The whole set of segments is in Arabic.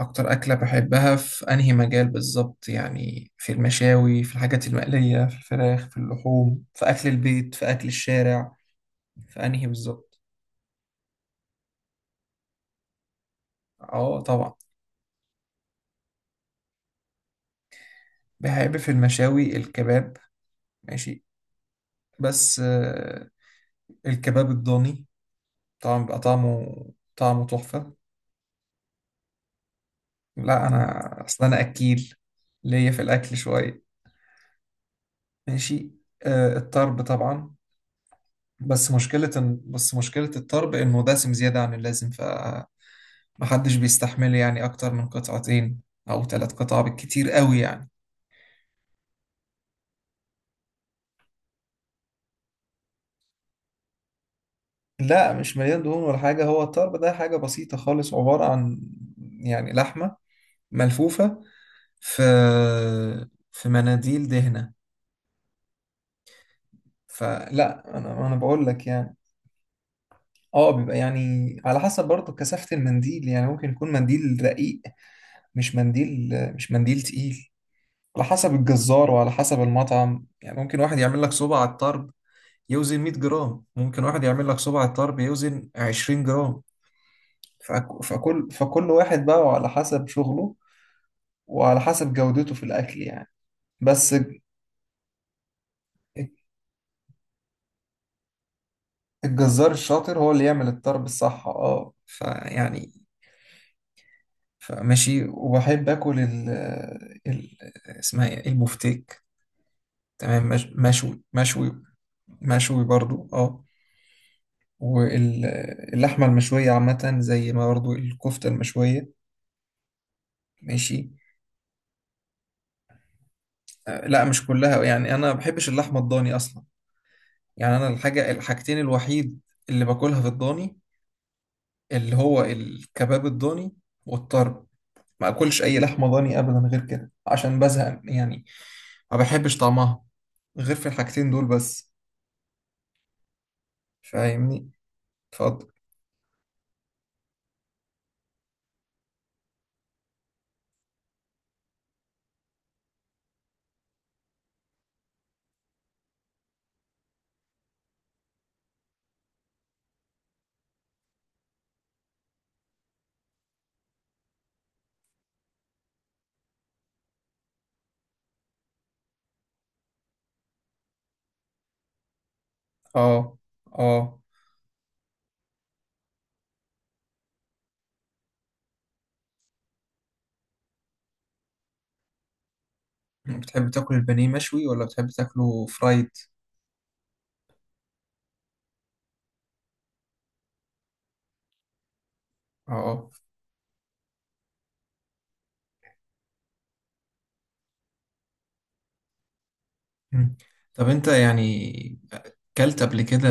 أكتر أكلة بحبها في أنهي مجال بالظبط؟ يعني في المشاوي، في الحاجات المقلية، في الفراخ، في اللحوم، في أكل البيت، في أكل الشارع، في أنهي بالظبط؟ أه، طبعا. بحب في المشاوي الكباب. ماشي. بس الكباب الضاني طبعا بيبقى طعمه تحفة. لا، أنا أصل أنا أكيل، ليا في الأكل شوية. ماشي. الطرب طبعا. بس مشكلة الطرب إنه دسم زيادة عن اللازم، ف محدش بيستحمله يعني أكتر من قطعتين أو ثلاث قطع بالكتير قوي يعني. لا، مش مليان دهون ولا حاجة، هو الطرب ده حاجة بسيطة خالص، عبارة عن يعني لحمة ملفوفة في في مناديل دهنة. فلا، أنا بقول لك يعني، اه بيبقى يعني على حسب برضه كثافة المنديل. يعني ممكن يكون منديل رقيق، مش منديل تقيل. على حسب الجزار وعلى حسب المطعم، يعني ممكن واحد يعمل لك صوبة على الطرب يوزن 100 جرام، ممكن واحد يعمل لك صباع الطرب يوزن 20 جرام. فكل واحد بقى، وعلى حسب شغله وعلى حسب جودته في الأكل يعني. بس الج- الجزار الشاطر هو اللي يعمل الطرب الصح، اه فيعني، فماشي. وبحب اكل ال ال اسمها ايه؟ البفتيك. تمام، مشوي مشوي مشوي برضو اه. واللحمة المشوية عامة، زي ما برضو الكفتة المشوية. ماشي. لا، مش كلها. يعني انا ما بحبش اللحمه الضاني اصلا. يعني انا الحاجتين الوحيد اللي باكلها في الضاني، اللي هو الكباب الضاني والطرب. ما اكلش اي لحمه ضاني ابدا غير كده عشان بزهق يعني، ما بحبش طعمها غير في الحاجتين دول بس. فاهمني؟ اتفضل. اه، اه، بتحب تاكل البانيه مشوي ولا بتحب تاكله فرايد؟ اه، آه. مم. طب انت يعني كلت قبل كده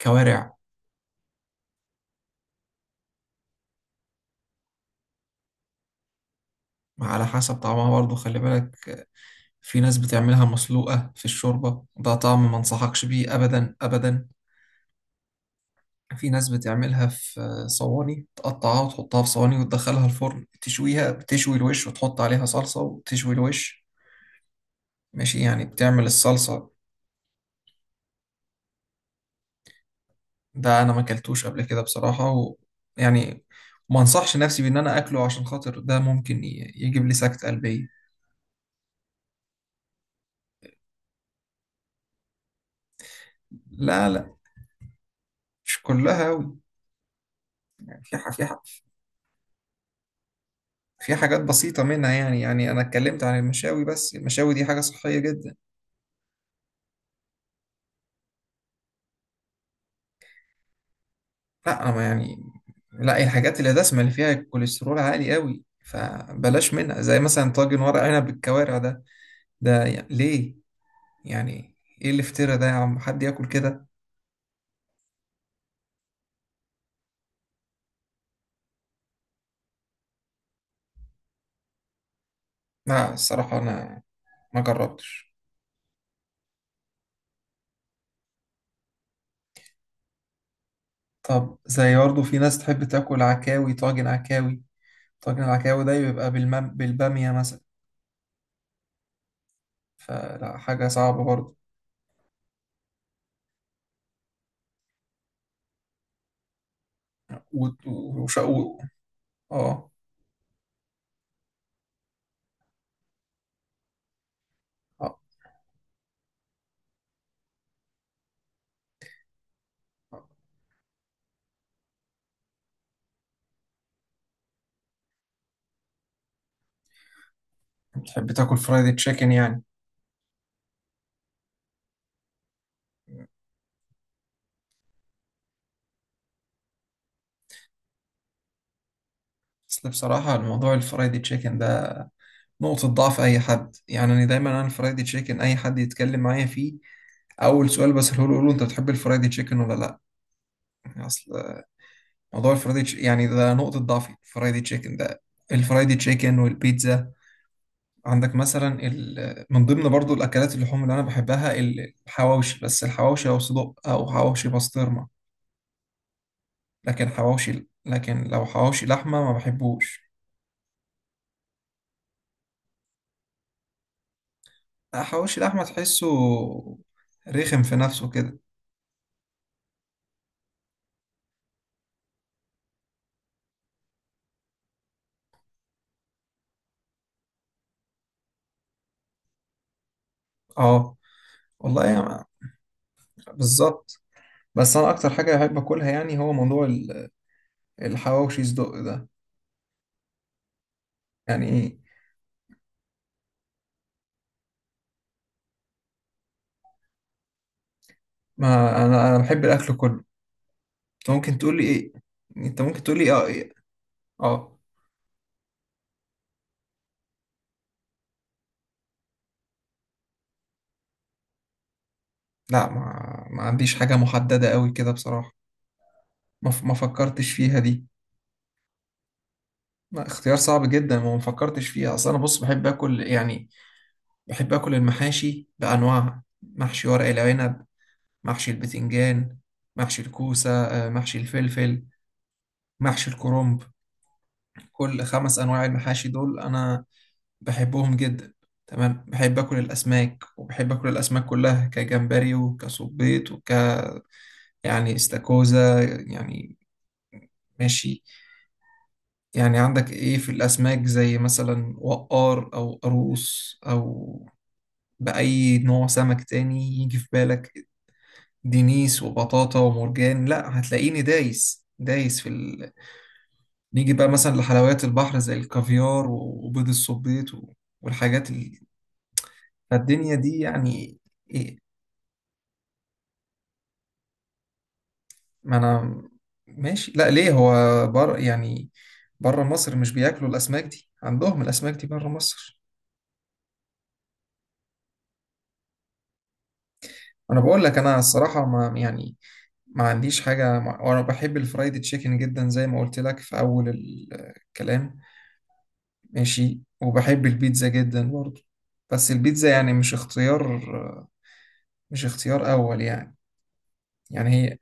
كوارع؟ على حسب طعمها برضو، خلي بالك. في ناس بتعملها مسلوقة في الشوربة، ده طعم ما انصحكش بيه أبدا أبدا. في ناس بتعملها في صواني، تقطعها وتحطها في صواني وتدخلها الفرن تشويها، بتشوي الوش وتحط عليها صلصة وتشوي الوش. ماشي، يعني بتعمل الصلصة. ده أنا ما أكلتوش قبل كده بصراحة، و يعني ما انصحش نفسي بإن أنا أكله عشان خاطر ده ممكن يجيب لي سكتة قلبية. لا، لا، مش كلها أوي. يعني في ح- في في حاجات بسيطة منها. يعني أنا اتكلمت عن المشاوي، بس المشاوي دي حاجة صحية جدا. لا أنا ما يعني، لا الحاجات اللي دسمة اللي فيها الكوليسترول عالي قوي فبلاش منها، زي مثلا طاجن ورق عنب بالكوارع ده يعني ليه، يعني إيه الافتراء ده يا عم؟ حد ياكل كده؟ لا الصراحة، أنا ما جربتش. طب زي برضه في ناس تحب تاكل عكاوي، طاجن عكاوي. طاجن العكاوي ده بيبقى بالبامية مثلا. فلا، حاجة صعبة برضه. و... و... وش... و... اه، آه. بتحب تاكل فرايدي تشيكن يعني؟ بس بصراحة الموضوع الفرايدي تشيكن ده نقطة ضعف أي حد. يعني أنا دايما، أنا الفرايدي تشيكن أي حد يتكلم معايا فيه، أول سؤال بسأله له، أقول له أنت بتحب الفرايدي تشيكن ولا لأ؟ أصل موضوع يعني ده نقطة ضعفي، الفرايدي تشيكن ده، الفرايدي تشيكن والبيتزا. عندك مثلا من ضمن برضو الأكلات اللحوم اللي أنا بحبها، الحواوشي. بس الحواوشي أو صدق، أو حواوشي بسطرمة. لكن حواوشي، لكن لو حواوشي لحمة ما بحبوش. حواوشي اللحمة تحسه رخم في نفسه كده. اه والله يا، بالظبط. بس انا اكتر حاجة بحب اكلها يعني، هو موضوع الحواوشي صدق ده. يعني ايه؟ ما انا بحب الاكل كله. انت ممكن تقول لي ايه، انت ممكن تقول لي اه ايه. اه. لا ما عنديش حاجة محددة قوي كده بصراحة. ما فكرتش فيها دي. ما اختيار صعب جدا، وما فكرتش فيها، اصل انا بص بحب اكل يعني. بحب اكل المحاشي بانواعها: محشي ورق العنب، محشي البتنجان، محشي الكوسة، محشي الفلفل، محشي الكرنب. كل خمس أنواع المحاشي دول أنا بحبهم جدا. تمام، بحب أكل الأسماك، وبحب أكل الأسماك كلها، كجمبري وكسبيط يعني استاكوزا، يعني. ماشي. يعني عندك إيه في الأسماك، زي مثلا وقار أو قاروص أو بأي نوع سمك تاني يجي في بالك، دينيس وبطاطا ومرجان. لا، هتلاقيني دايس دايس في، نيجي بقى مثلا لحلويات البحر زي الكافيار وبيض الصبيط والحاجات فالدنيا دي يعني. إيه ما أنا، ماشي. لا ليه، هو بر يعني بره مصر مش بياكلوا الأسماك دي؟ عندهم الأسماك دي بره مصر. أنا بقول لك أنا الصراحة ما يعني، ما عنديش حاجة وأنا بحب الفرايد تشيكن جدا زي ما قلت لك في أول الكلام. ماشي، وبحب البيتزا جدا برضه. بس البيتزا يعني مش اختيار أول يعني. يعني هي،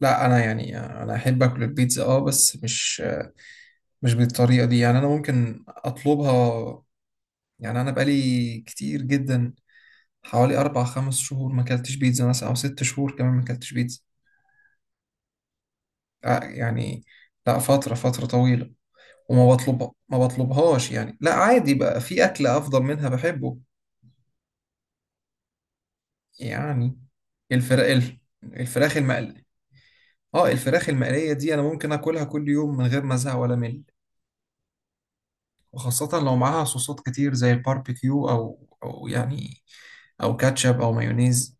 لا انا يعني انا احب اكل البيتزا اه، بس مش بالطريقه دي. يعني انا ممكن اطلبها. يعني انا بقالي كتير جدا، حوالي اربع خمس شهور ما اكلتش بيتزا مثلا، او ست شهور كمان ما اكلتش بيتزا. يعني لا، فتره طويله. وما بطلبها، ما بطلبهاش يعني. لا عادي بقى، في اكل افضل منها بحبه. يعني الفراخ الفراخ المقليه. اه، الفراخ المقليه دي انا ممكن اكلها كل يوم من غير ما ازهق ولا مل. وخاصة لو معاها صوصات كتير، زي الباربيكيو أو يعني، أو كاتشب أو مايونيز.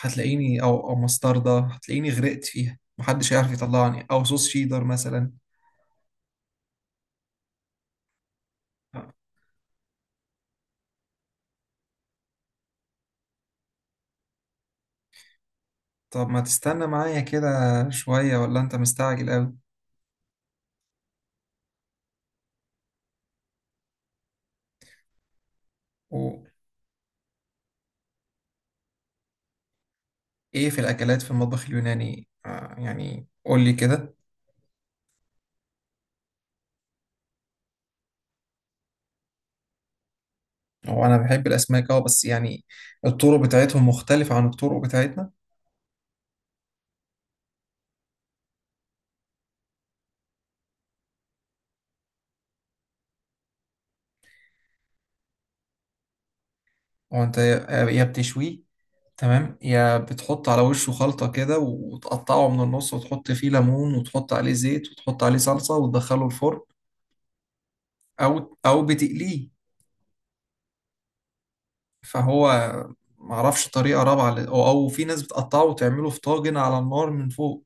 هتلاقيني أو مستردة. هتلاقيني غرقت فيها محدش هيعرف يطلعني، أو صوص شيدر مثلا. طب ما تستنى معايا كده شوية، ولا أنت مستعجل أوي؟ وإيه؟ في الأكلات في المطبخ اليوناني، يعني قول لي كده. هو أنا بحب الأسماك أه، بس يعني الطرق بتاعتهم مختلفة عن الطرق بتاعتنا. هو أنت يا بتشويه. تمام، يا بتحط على وشه خلطة كده وتقطعه من النص، وتحط فيه ليمون وتحط عليه زيت وتحط عليه صلصة وتدخله الفرن، أو بتقليه. فهو معرفش طريقة رابعة، ل- أو أو في ناس بتقطعه وتعمله في طاجن على النار من فوق.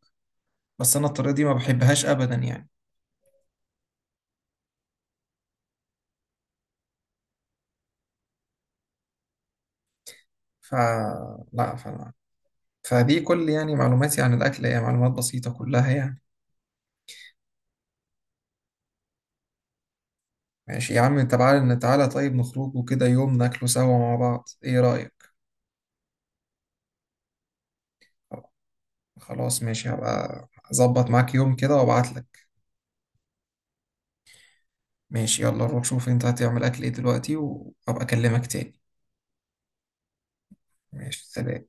بس أنا الطريقة دي ما بحبهاش أبدا يعني. فلا فدي كل يعني معلوماتي عن الأكل هي معلومات بسيطة كلها يعني. ماشي يا عم، تعالى تعالى، طيب نخرج وكده يوم ناكله سوا مع بعض، إيه رأيك؟ خلاص ماشي، هبقى اظبط معاك يوم كده وابعت لك. ماشي، يلا روح شوف انت هتعمل اكل ايه دلوقتي، وابقى اكلمك تاني. ماشي، سلام.